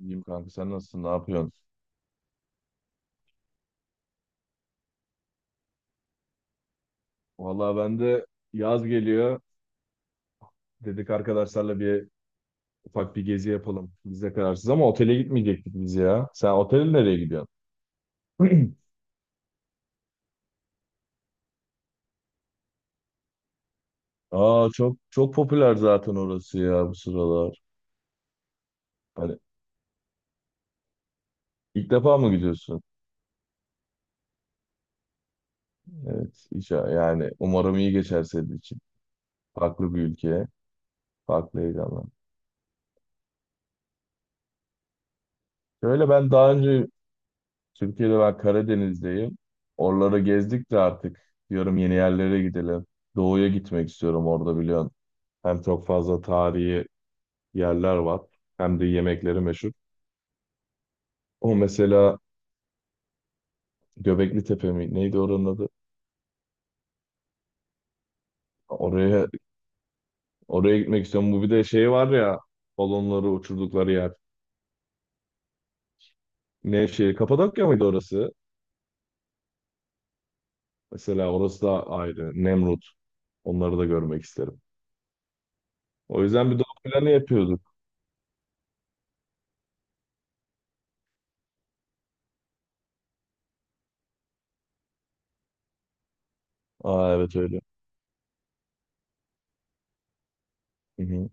İyiyim kanka, sen nasılsın? Ne yapıyorsun? Vallahi ben de yaz geliyor. Dedik arkadaşlarla bir ufak bir gezi yapalım. Biz de kararsız ama otele gitmeyecektik biz ya. Sen otele nereye gidiyorsun? Aa, çok çok popüler zaten orası ya bu sıralar. Hani ilk defa mı gidiyorsun? Evet. Yani umarım iyi geçer senin için. Farklı bir ülke, farklı heyecanlar. Şöyle, ben daha önce Türkiye'de, ben Karadeniz'deyim. Oraları gezdik de artık diyorum yeni yerlere gidelim. Doğu'ya gitmek istiyorum, orada biliyorsun. Hem çok fazla tarihi yerler var, hem de yemekleri meşhur. O mesela Göbekli Tepe mi? Neydi oranın adı? Oraya oraya gitmek istiyorum. Bu, bir de şey var ya, balonları uçurdukları yer. Nevşehir, Kapadokya mıydı orası? Mesela orası da ayrı. Nemrut. Onları da görmek isterim. O yüzden bir doğu planı yapıyorduk. Aa, evet öyle. Hı hı.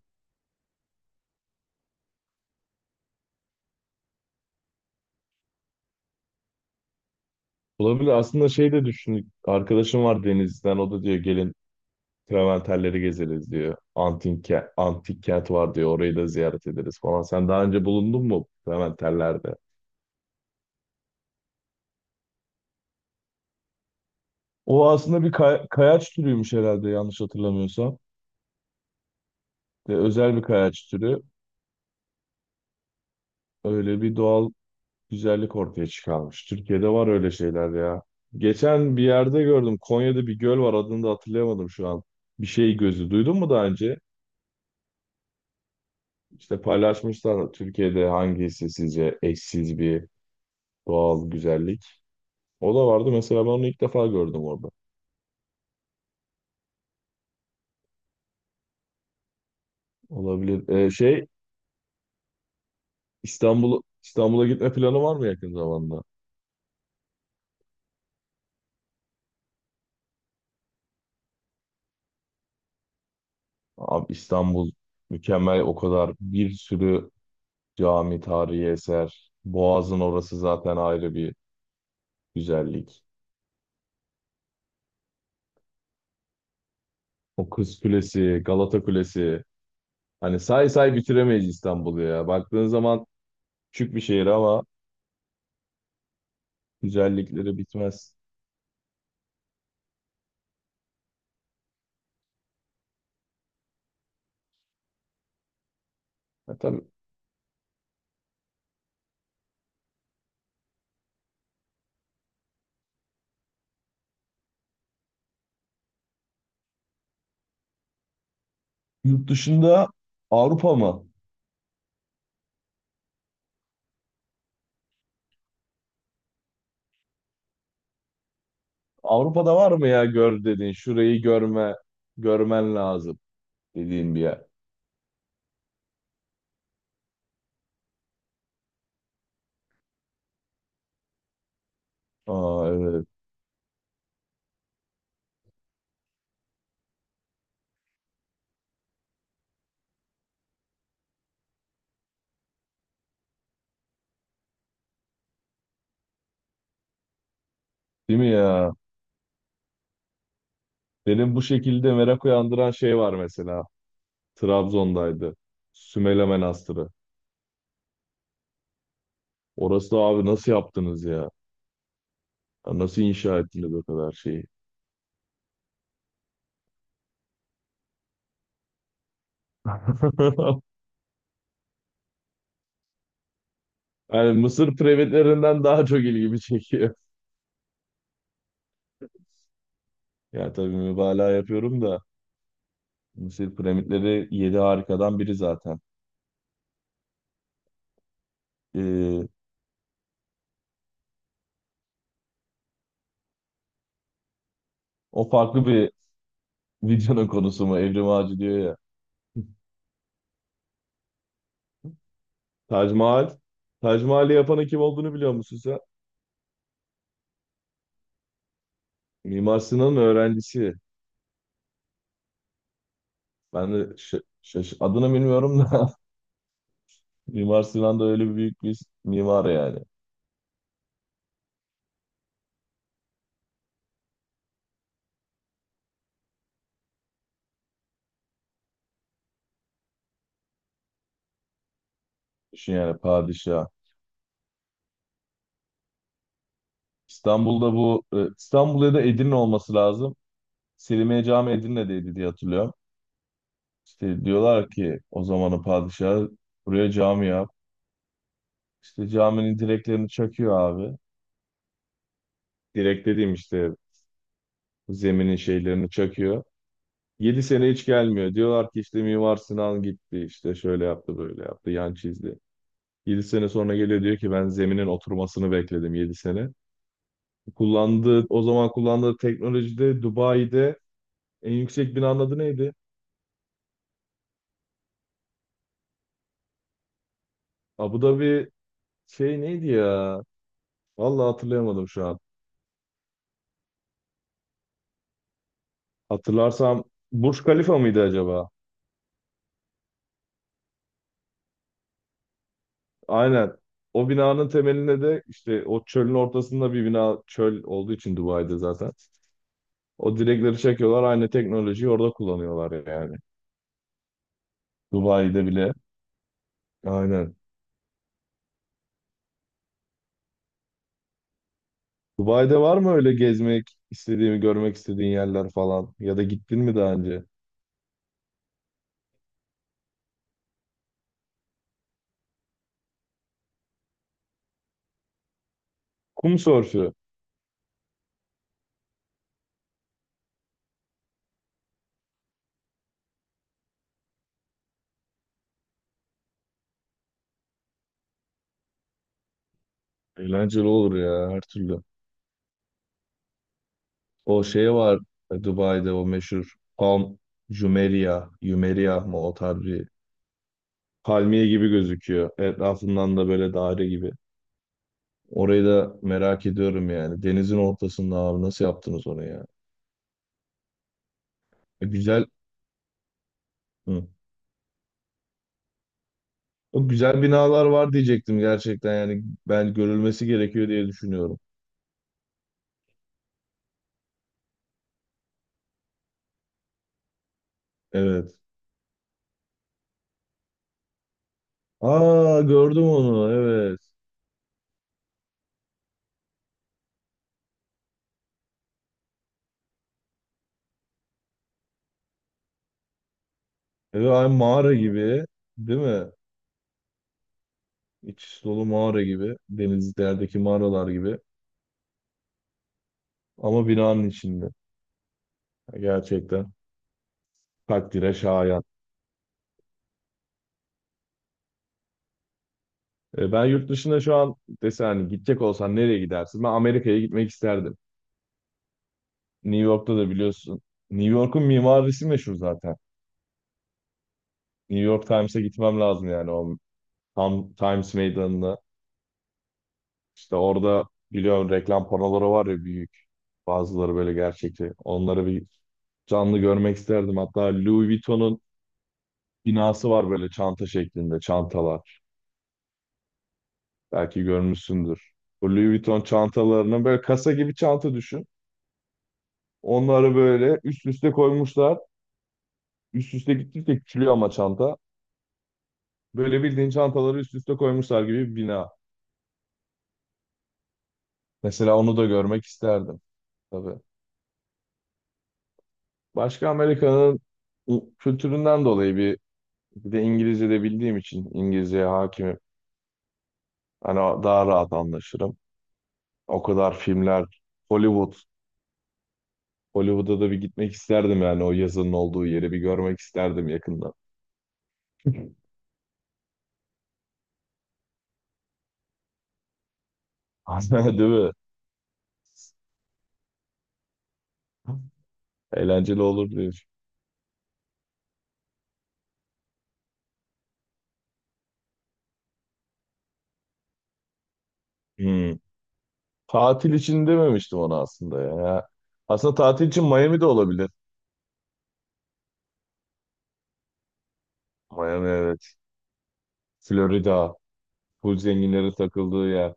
Olabilir. Aslında şey de düşündük. Arkadaşım var Denizli'den. O da diyor gelin Traventerleri gezeriz diyor. Antik, antik kent var diyor. Orayı da ziyaret ederiz falan. Sen daha önce bulundun mu Traventerlerde? O aslında bir kayaç türüymüş herhalde, yanlış hatırlamıyorsam. Ve özel bir kayaç türü. Öyle bir doğal güzellik ortaya çıkarmış. Türkiye'de var öyle şeyler ya. Geçen bir yerde gördüm. Konya'da bir göl var. Adını da hatırlayamadım şu an. Bir şey gözü. Duydun mu daha önce? İşte paylaşmışlar, Türkiye'de hangisi sizce eşsiz bir doğal güzellik. O da vardı, mesela ben onu ilk defa gördüm orada. Olabilir. Şey, İstanbul'a gitme planı var mı yakın zamanda? Abi, İstanbul mükemmel, o kadar bir sürü cami, tarihi eser. Boğaz'ın orası zaten ayrı bir güzellik. O Kız Kulesi, Galata Kulesi. Hani say say bitiremeyiz İstanbul'u ya. Baktığın zaman küçük bir şehir ama güzellikleri bitmez. Ya tabii. Yurt dışında, Avrupa mı? Avrupa'da var mı ya, gör dediğin, şurayı görme, görmen lazım dediğin bir yer? Aa, evet. Değil mi ya? Benim bu şekilde merak uyandıran şey var mesela. Trabzon'daydı. Sümele Manastırı. Orası da, abi nasıl yaptınız ya? Ya nasıl inşa ettiniz o kadar şeyi? Yani Mısır piramitlerinden daha çok ilgimi çekiyor. Ya tabii mübalağa yapıyorum da, Mısır piramitleri yedi harikadan biri zaten. Ee, O farklı bir videonun konusu mu? Evrim Ağacı diyor ya. Tac Mahal. Tac Mahal'i yapanın kim olduğunu biliyor musun sen? Mimar Sinan'ın öğrencisi. Ben de adını bilmiyorum da Mimar Sinan da öyle büyük bir mimar yani. Düşün yani, padişah. İstanbul'da bu İstanbul ya da Edirne olması lazım. Selimiye Cami Edirne'deydi diye hatırlıyorum. İşte diyorlar ki o zamanın padişahı buraya cami yap. İşte caminin direklerini çakıyor abi. Direk dediğim işte zeminin şeylerini çakıyor. 7 sene hiç gelmiyor. Diyorlar ki işte Mimar Sinan gitti, işte şöyle yaptı böyle yaptı, yan çizdi. 7 sene sonra geliyor, diyor ki ben zeminin oturmasını bekledim 7 sene. O zaman kullandığı teknolojide Dubai'de en yüksek binanın adı neydi? Abu Dhabi, şey neydi ya? Vallahi hatırlayamadım şu an. Hatırlarsam, Burj Khalifa mıydı acaba? Aynen. O binanın temelinde de işte o çölün ortasında bir bina, çöl olduğu için Dubai'de zaten. O direkleri çekiyorlar, aynı teknolojiyi orada kullanıyorlar yani. Dubai'de bile. Aynen. Dubai'de var mı öyle gezmek istediğimi, görmek istediğin yerler falan? Ya da gittin mi daha önce? Kum sörfü. Eğlenceli olur ya, her türlü. O şey var, Dubai'de o meşhur Palm Jumeirah. Jumeirah mı? O tarz bir palmiye gibi gözüküyor. Etrafından da böyle daire gibi. Orayı da merak ediyorum yani. Denizin ortasında abi nasıl yaptınız onu ya? Güzel. Hı. O güzel binalar var, diyecektim gerçekten yani, ben görülmesi gerekiyor diye düşünüyorum. Evet. Aa, gördüm onu, evet. Evet aynı mağara gibi değil mi? İç dolu mağara gibi. Denizlerdeki mağaralar gibi. Ama binanın içinde. Gerçekten takdire şayan. Ben yurt dışında şu an desen, hani gidecek olsan nereye gidersin? Ben Amerika'ya gitmek isterdim. New York'ta da biliyorsun. New York'un mimarisi meşhur zaten. New York Times'e gitmem lazım yani, o tam Times Meydanı'na. İşte orada biliyorum reklam panoları var ya, büyük. Bazıları böyle gerçekçi. Onları bir canlı görmek isterdim. Hatta Louis Vuitton'un binası var, böyle çanta şeklinde çantalar. Belki görmüşsündür. Bu Louis Vuitton çantalarının böyle kasa gibi çanta düşün. Onları böyle üst üste koymuşlar. Üst üste gittikçe küçülüyor ama çanta. Böyle bildiğin çantaları üst üste koymuşlar gibi bir bina. Mesela onu da görmek isterdim tabii. Başka, Amerika'nın kültüründen dolayı bir. Bir de İngilizce de bildiğim için, İngilizceye hakimim. Hani daha rahat anlaşırım. O kadar filmler, Hollywood. Hollywood'a da bir gitmek isterdim yani, o yazının olduğu yeri bir görmek isterdim yakından. Değil mi? Eğlenceli olur diyor. Hmm. Tatil için dememiştim ona aslında ya. Aslında tatil için Miami de olabilir. Miami, evet. Florida. Full zenginlerin takıldığı yer.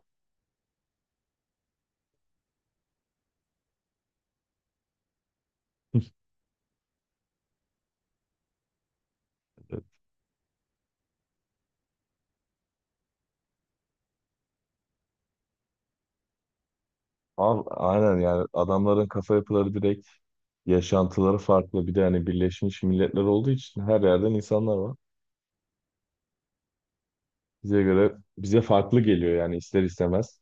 Abi, aynen yani adamların kafa yapıları direkt, yaşantıları farklı. Bir de hani Birleşmiş Milletler olduğu için her yerden insanlar var. Bize göre bize farklı geliyor yani ister istemez.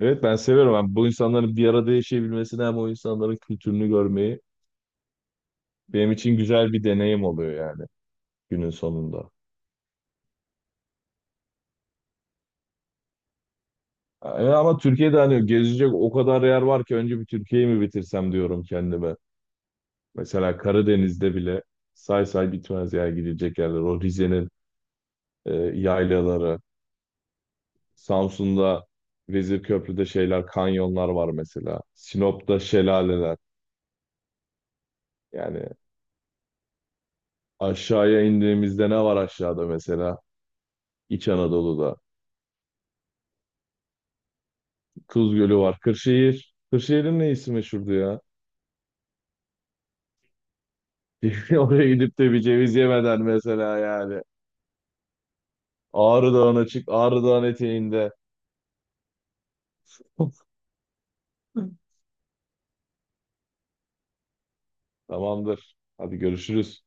Evet, ben seviyorum. Ben bu insanların bir arada yaşayabilmesini, hem o insanların kültürünü görmeyi, benim için güzel bir deneyim oluyor yani günün sonunda. Yani ama Türkiye'de hani gezecek o kadar yer var ki, önce bir Türkiye'yi mi bitirsem diyorum kendime. Mesela Karadeniz'de bile say say bitmez yer, gidecek yerler. O Rize'nin yaylaları, Samsun'da Vezirköprü'de şeyler, kanyonlar var mesela. Sinop'ta şelaleler. Yani aşağıya indiğimizde ne var aşağıda mesela? İç Anadolu'da. Tuz Gölü var. Kırşehir. Kırşehir'in neyisi meşhurdu ya? Oraya gidip de bir ceviz yemeden mesela yani. Ağrı Dağı'na çık, Ağrı Dağı'nın eteğinde. Tamamdır. Hadi görüşürüz.